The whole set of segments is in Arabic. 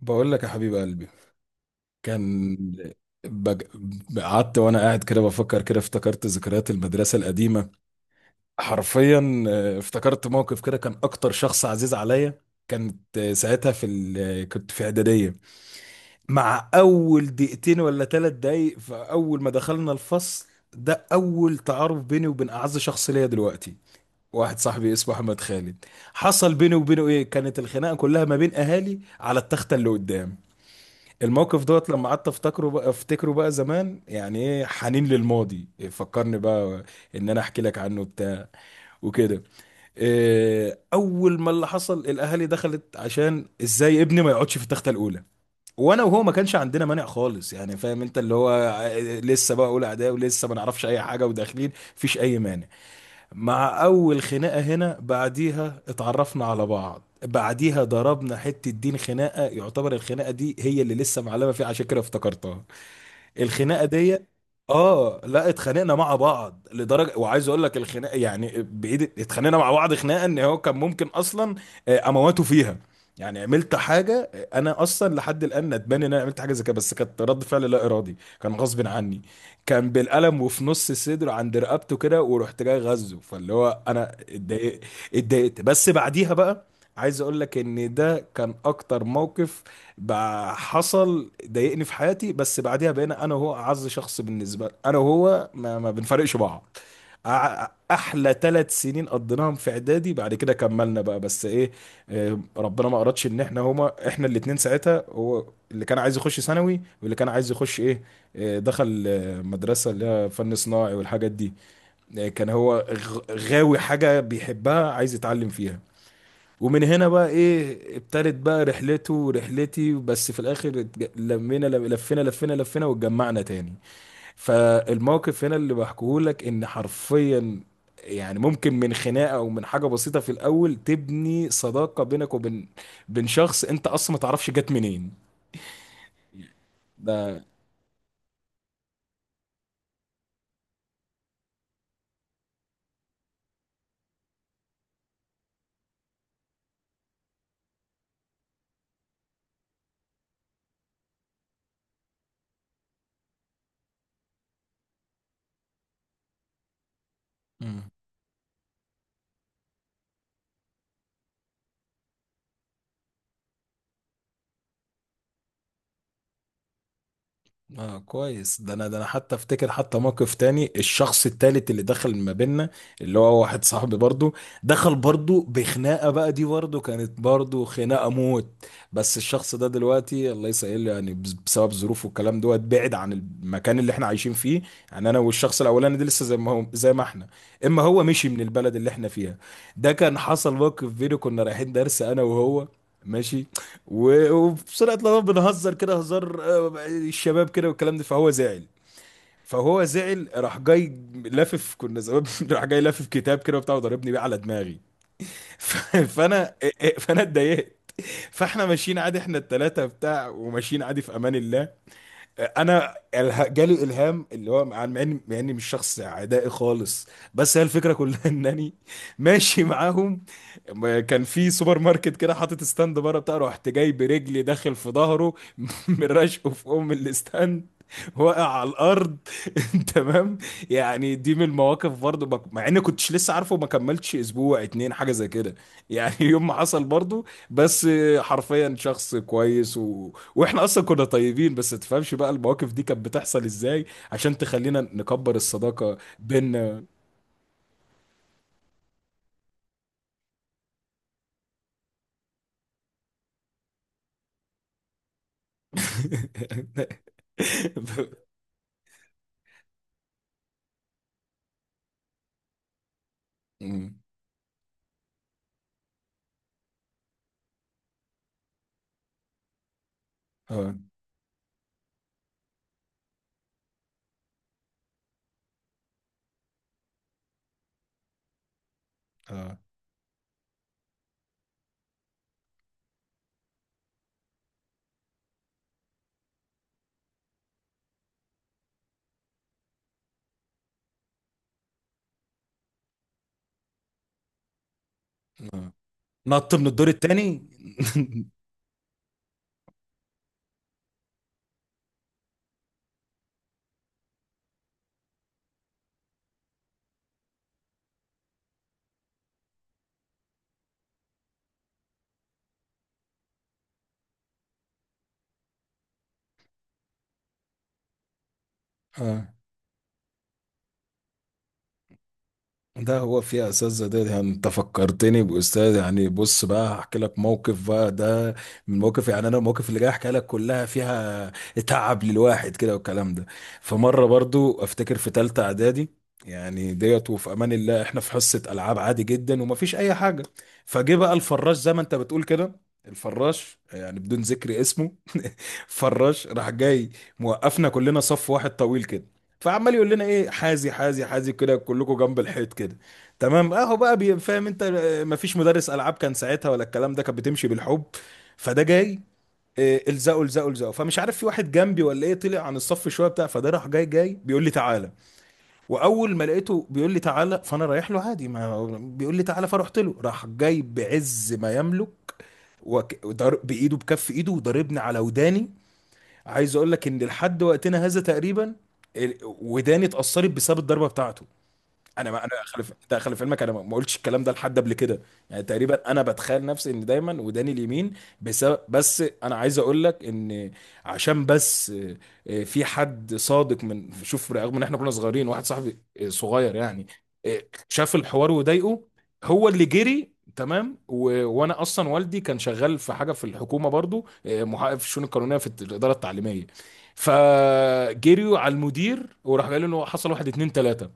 بقول لك يا حبيب قلبي كان بج... قعدت وانا قاعد كده بفكر كده افتكرت ذكريات المدرسه القديمه حرفيا. افتكرت موقف كده كان اكتر شخص عزيز عليا كانت. ساعتها في ال... آه، كنت في اعداديه مع اول دقيقتين ولا 3 دقايق. فاول ما دخلنا الفصل ده اول تعارف بيني وبين اعز شخص ليا دلوقتي، واحد صاحبي اسمه احمد خالد. حصل بيني وبينه ايه؟ كانت الخناقه كلها ما بين اهالي على التخته اللي قدام. الموقف دوت لما قعدت افتكره بقى، افتكره بقى زمان، يعني ايه حنين للماضي، إيه فكرني بقى ان انا احكي لك عنه بتاع وكده. إيه اول ما اللي حصل الاهالي دخلت عشان ازاي ابني ما يقعدش في التخته الاولى، وانا وهو ما كانش عندنا مانع خالص، يعني فاهم انت اللي هو لسه بقى اولى اعدادي ولسه ما نعرفش اي حاجه وداخلين مفيش اي مانع. مع اول خناقه هنا بعديها اتعرفنا على بعض، بعديها ضربنا حته دين خناقه، يعتبر الخناقه دي هي اللي لسه معلمه فيه، عشان كده افتكرتها الخناقه دي. اه، لا اتخانقنا مع بعض لدرجه، وعايز اقول لك الخناقه يعني بايد اتخانقنا مع بعض خناقه ان هو كان ممكن اصلا امواته فيها. يعني عملت حاجه، انا اصلا لحد الان ندمان ان انا عملت حاجه زي كده، بس كانت رد فعل لا ارادي كان غصب عني. كان بالقلم وفي نص صدره عند رقبته كده، ورحت جاي غزه، فاللي هو انا اتضايقت. اتضايقت بس بعديها بقى عايز اقول لك ان ده كان اكتر موقف بقى حصل ضايقني في حياتي، بس بعدها بقينا انا وهو اعز شخص بالنسبه لي، انا وهو ما بنفرقش بعض. احلى 3 سنين قضيناهم في اعدادي، بعد كده كملنا بقى بس ايه، ربنا ما اردش ان احنا هما احنا الاتنين ساعتها. هو اللي كان عايز يخش ثانوي، واللي كان عايز يخش ايه، دخل مدرسه اللي هي فن صناعي والحاجات دي. كان هو غاوي حاجه بيحبها عايز يتعلم فيها. ومن هنا بقى ايه ابتدت بقى رحلته ورحلتي، بس في الاخر اتج- لمينا لم- لفينا لفينا لفينا واتجمعنا تاني. فالموقف هنا اللي بحكيه لك ان حرفيا يعني ممكن من خناقه او من حاجه بسيطه في الاول تبني صداقه بينك وبين بين شخص انت اصلا ما تعرفش جت منين. ده اه كويس. ده انا، ده انا حتى افتكر حتى موقف تاني، الشخص التالت اللي دخل ما بيننا اللي هو واحد صاحبي برضو، دخل برضو بخناقة بقى دي، برضو كانت برضو خناقة موت. بس الشخص ده دلوقتي الله يسهل، يعني بسبب ظروفه والكلام دوت بعد عن المكان اللي احنا عايشين فيه. يعني انا والشخص الاولاني ده لسه زي ما هو زي ما احنا، اما هو مشي من البلد اللي احنا فيها. ده كان حصل موقف بيني، كنا رايحين درس انا وهو ماشي، وفي سرعة الغضب بنهزر كده هزار، الشباب كده والكلام ده، فهو زعل. فهو زعل راح جاي لافف كنا زمان راح جاي لافف كتاب كده وبتاع وضربني بيه على دماغي. ف- فانا إيه، إيه، فانا اتضايقت. فاحنا ماشيين عادي احنا التلاتة بتاع، وماشيين عادي في امان الله. انا جالي الهام، اللي هو مع اني مش شخص عدائي خالص، بس هي الفكره كلها انني ماشي معاهم. ما كان في سوبر ماركت كده حاطط ستاند بره بتاع، رحت جاي برجلي داخل في ظهره من رشقه في ام الاستاند، واقع على الارض. تمام. يعني دي من المواقف برضو مع اني كنتش لسه عارفه ما كملتش اسبوع اتنين حاجه زي كده، يعني يوم ما حصل برضو. بس حرفيا شخص كويس، واحنا اصلا كنا طيبين، بس تفهمش بقى المواقف دي كانت بتحصل ازاي عشان تخلينا نكبر الصداقة بينا. أمم. اه. اه. آه. نط من الدور التاني. اه، ده هو فيها اساتذه ده، يعني انت فكرتني باستاذ. يعني بص بقى هحكي لك موقف بقى ده من المواقف، يعني انا المواقف اللي جاي احكي لك كلها فيها تعب للواحد كده والكلام ده. فمره برضو افتكر في ثالثه اعدادي، يعني ديت وفي امان الله احنا في حصه العاب عادي جدا ومفيش اي حاجه. فجه بقى الفراش زي ما انت بتقول كده، الفراش يعني بدون ذكر اسمه، فراش راح جاي موقفنا كلنا صف واحد طويل كده، فعمال يقول لنا ايه حازي حازي حازي كده كلكم جنب الحيط كده. تمام اهو بقى فاهم انت، مفيش مدرس العاب كان ساعتها ولا الكلام ده، كانت بتمشي بالحب. فده جاي الزقوا الزقوا الزقوا، فمش عارف في واحد جنبي ولا ايه طلع عن الصف شويه بتاع، فده راح جاي جاي بيقول لي تعالى. واول ما لقيته بيقول لي تعالى فانا رايح له عادي ما بيقول لي تعالى، فرحت له راح جاي بعز ما يملك بايده بكف ايده وضربني على وداني. عايز اقول لك ان لحد وقتنا هذا تقريبا وداني اتأثرت بسبب الضربة بتاعته. انا ما انا خلف انت خلف علمك، انا ما قلتش الكلام ده لحد قبل كده. يعني تقريبا انا بتخيل نفسي ان دايما وداني اليمين بسبب، بس انا عايز اقول لك ان عشان بس في حد صادق من شوف، رغم ان احنا كنا صغيرين واحد صاحبي صغير يعني، آه، شاف الحوار وضايقه، هو اللي جري. تمام وانا اصلا والدي كان شغال في حاجه في الحكومه برضو، محقق في الشؤون القانونيه في الاداره التعليميه، فجريوا على المدير وراح قال له إنه حصل واحد اتنين تلاته.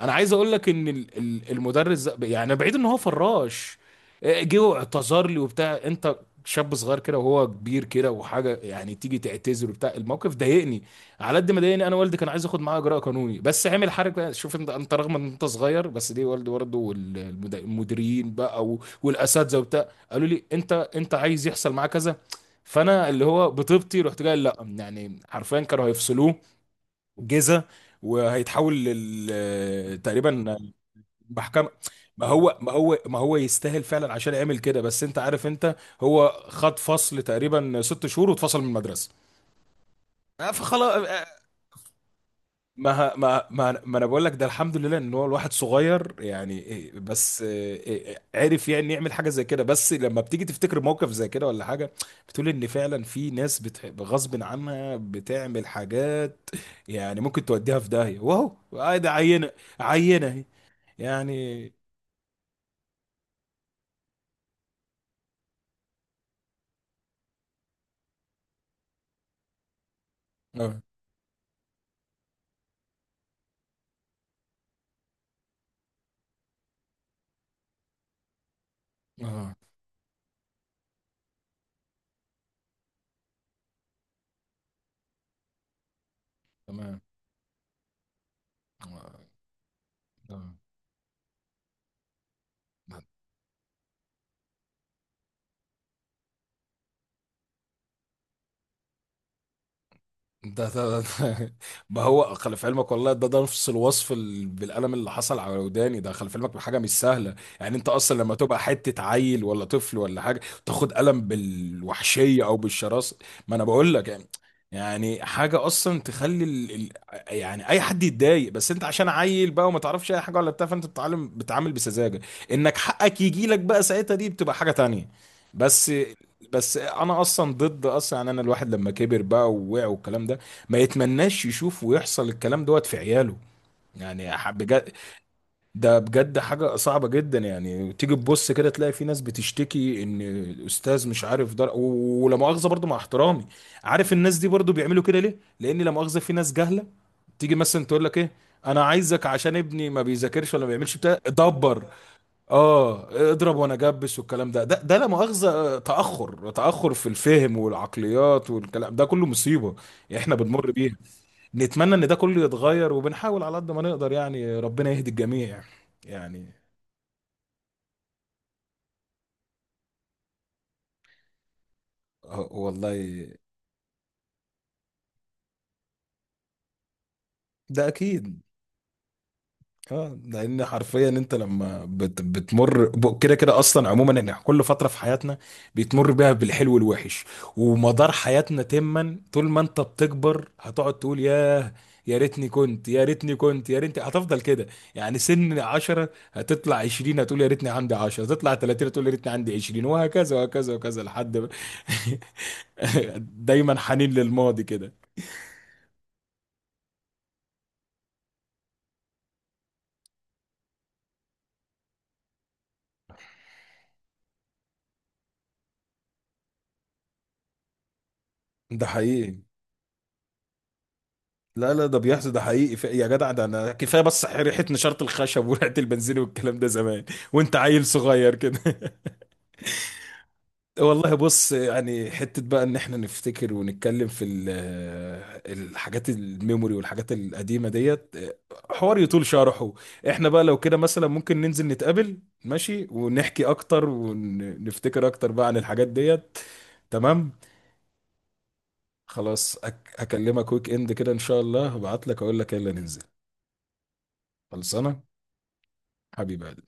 انا عايز اقول لك ان المدرس ده يعني بعيد ان هو فراش، جه واعتذر لي وبتاع انت شاب صغير كده وهو كبير كده وحاجه، يعني تيجي تعتذر وبتاع. الموقف ضايقني على قد ما ضايقني، انا والدي كان عايز ياخد معاه اجراء قانوني، بس عامل حركه شوف انت، انت رغم ان انت صغير بس ليه والدي برضه والمديرين بقى والاساتذه وبتاع قالوا لي انت انت عايز يحصل معاه كذا. فانا اللي هو بطيبتي رحت جاي لا، يعني حرفيا كانوا هيفصلوه جيزه وهيتحول لل تقريبا محكمه. ما هو يستاهل فعلا عشان يعمل كده، بس انت عارف انت هو خد فصل تقريبا 6 شهور واتفصل من المدرسه فخلاص. ما انا بقول لك ده الحمد لله ان هو الواحد صغير، يعني إيه، بس إيه، إيه، عرف يعني يعمل حاجه زي كده، بس لما بتيجي تفتكر موقف زي كده ولا حاجه بتقول ان فعلا في ناس بتحب غصب عنها بتعمل حاجات، يعني ممكن توديها في داهيه واهو آه ده عينه، عينه اهي يعني. اه. اه. تمام. آه، آه. ده ما هو خلف علمك والله، ده نفس الوصف بالقلم، اللي حصل على وداني ده خلف علمك حاجه مش سهله. يعني انت اصلا لما تبقى حته عيل ولا طفل ولا حاجه تاخد قلم بالوحشيه او بالشراسه، ما انا بقول لك يعني، يعني حاجه اصلا تخلي يعني اي حد يتضايق، بس انت عشان عيل بقى وما تعرفش اي حاجه ولا بتاع، فانت بتتعلم بتتعامل بسذاجه انك حقك يجي لك بقى ساعتها، دي بتبقى حاجه تانية. بس بس انا اصلا ضد اصلا، يعني انا الواحد لما كبر بقى ووقع والكلام ده ما يتمناش يشوف ويحصل الكلام دوت في عياله، يعني بجد، ده بجد حاجة صعبة جدا. يعني تيجي تبص كده تلاقي في ناس بتشتكي ان الاستاذ مش عارف ولا مؤاخذة برضو مع احترامي، عارف الناس دي برضو بيعملوا كده ليه؟ لان لا مؤاخذة في ناس جهلة، تيجي مثلا تقول لك ايه انا عايزك عشان ابني ما بيذاكرش ولا ما بيعملش بتاع دبر، اه اضرب وانا جبس والكلام ده، ده ده لا مؤاخذة تأخر في الفهم والعقليات والكلام ده كله مصيبة احنا بنمر بيها. نتمنى ان ده كله يتغير، وبنحاول على قد ما نقدر، يعني ربنا يهدي الجميع. يعني والله، ده اكيد. اه، لان حرفيا انت لما كده كده اصلا عموما ان كل فتره في حياتنا بيتمر بيها بالحلو والوحش، ومدار حياتنا تما طول ما انت بتكبر هتقعد تقول ياه، يا ريتني كنت يا ريتني هتفضل كده. يعني سن 10 هتطلع 20 هتقول يا ريتني عندي 10، هتطلع 30 هتقول يا ريتني عندي 20، وهكذا وهكذا وهكذا لحد ما- دايما حنين للماضي كده. ده حقيقي. لا لا، ده بيحصل، ده حقيقي. يا جدع ده انا كفايه بس ريحه نشاره الخشب وريحه البنزين والكلام ده زمان وانت عيل صغير كده. والله بص، يعني حته بقى ان احنا نفتكر ونتكلم في الحاجات الميموري والحاجات القديمه ديت حوار يطول شرحه. احنا بقى لو كده مثلا ممكن ننزل نتقابل ماشي، ونحكي اكتر ونفتكر اكتر بقى عن الحاجات ديت. تمام. خلاص هكلمك ويك اند كده ان شاء الله، هبعت لك اقول لك يلا ننزل. خلصانه حبيبي.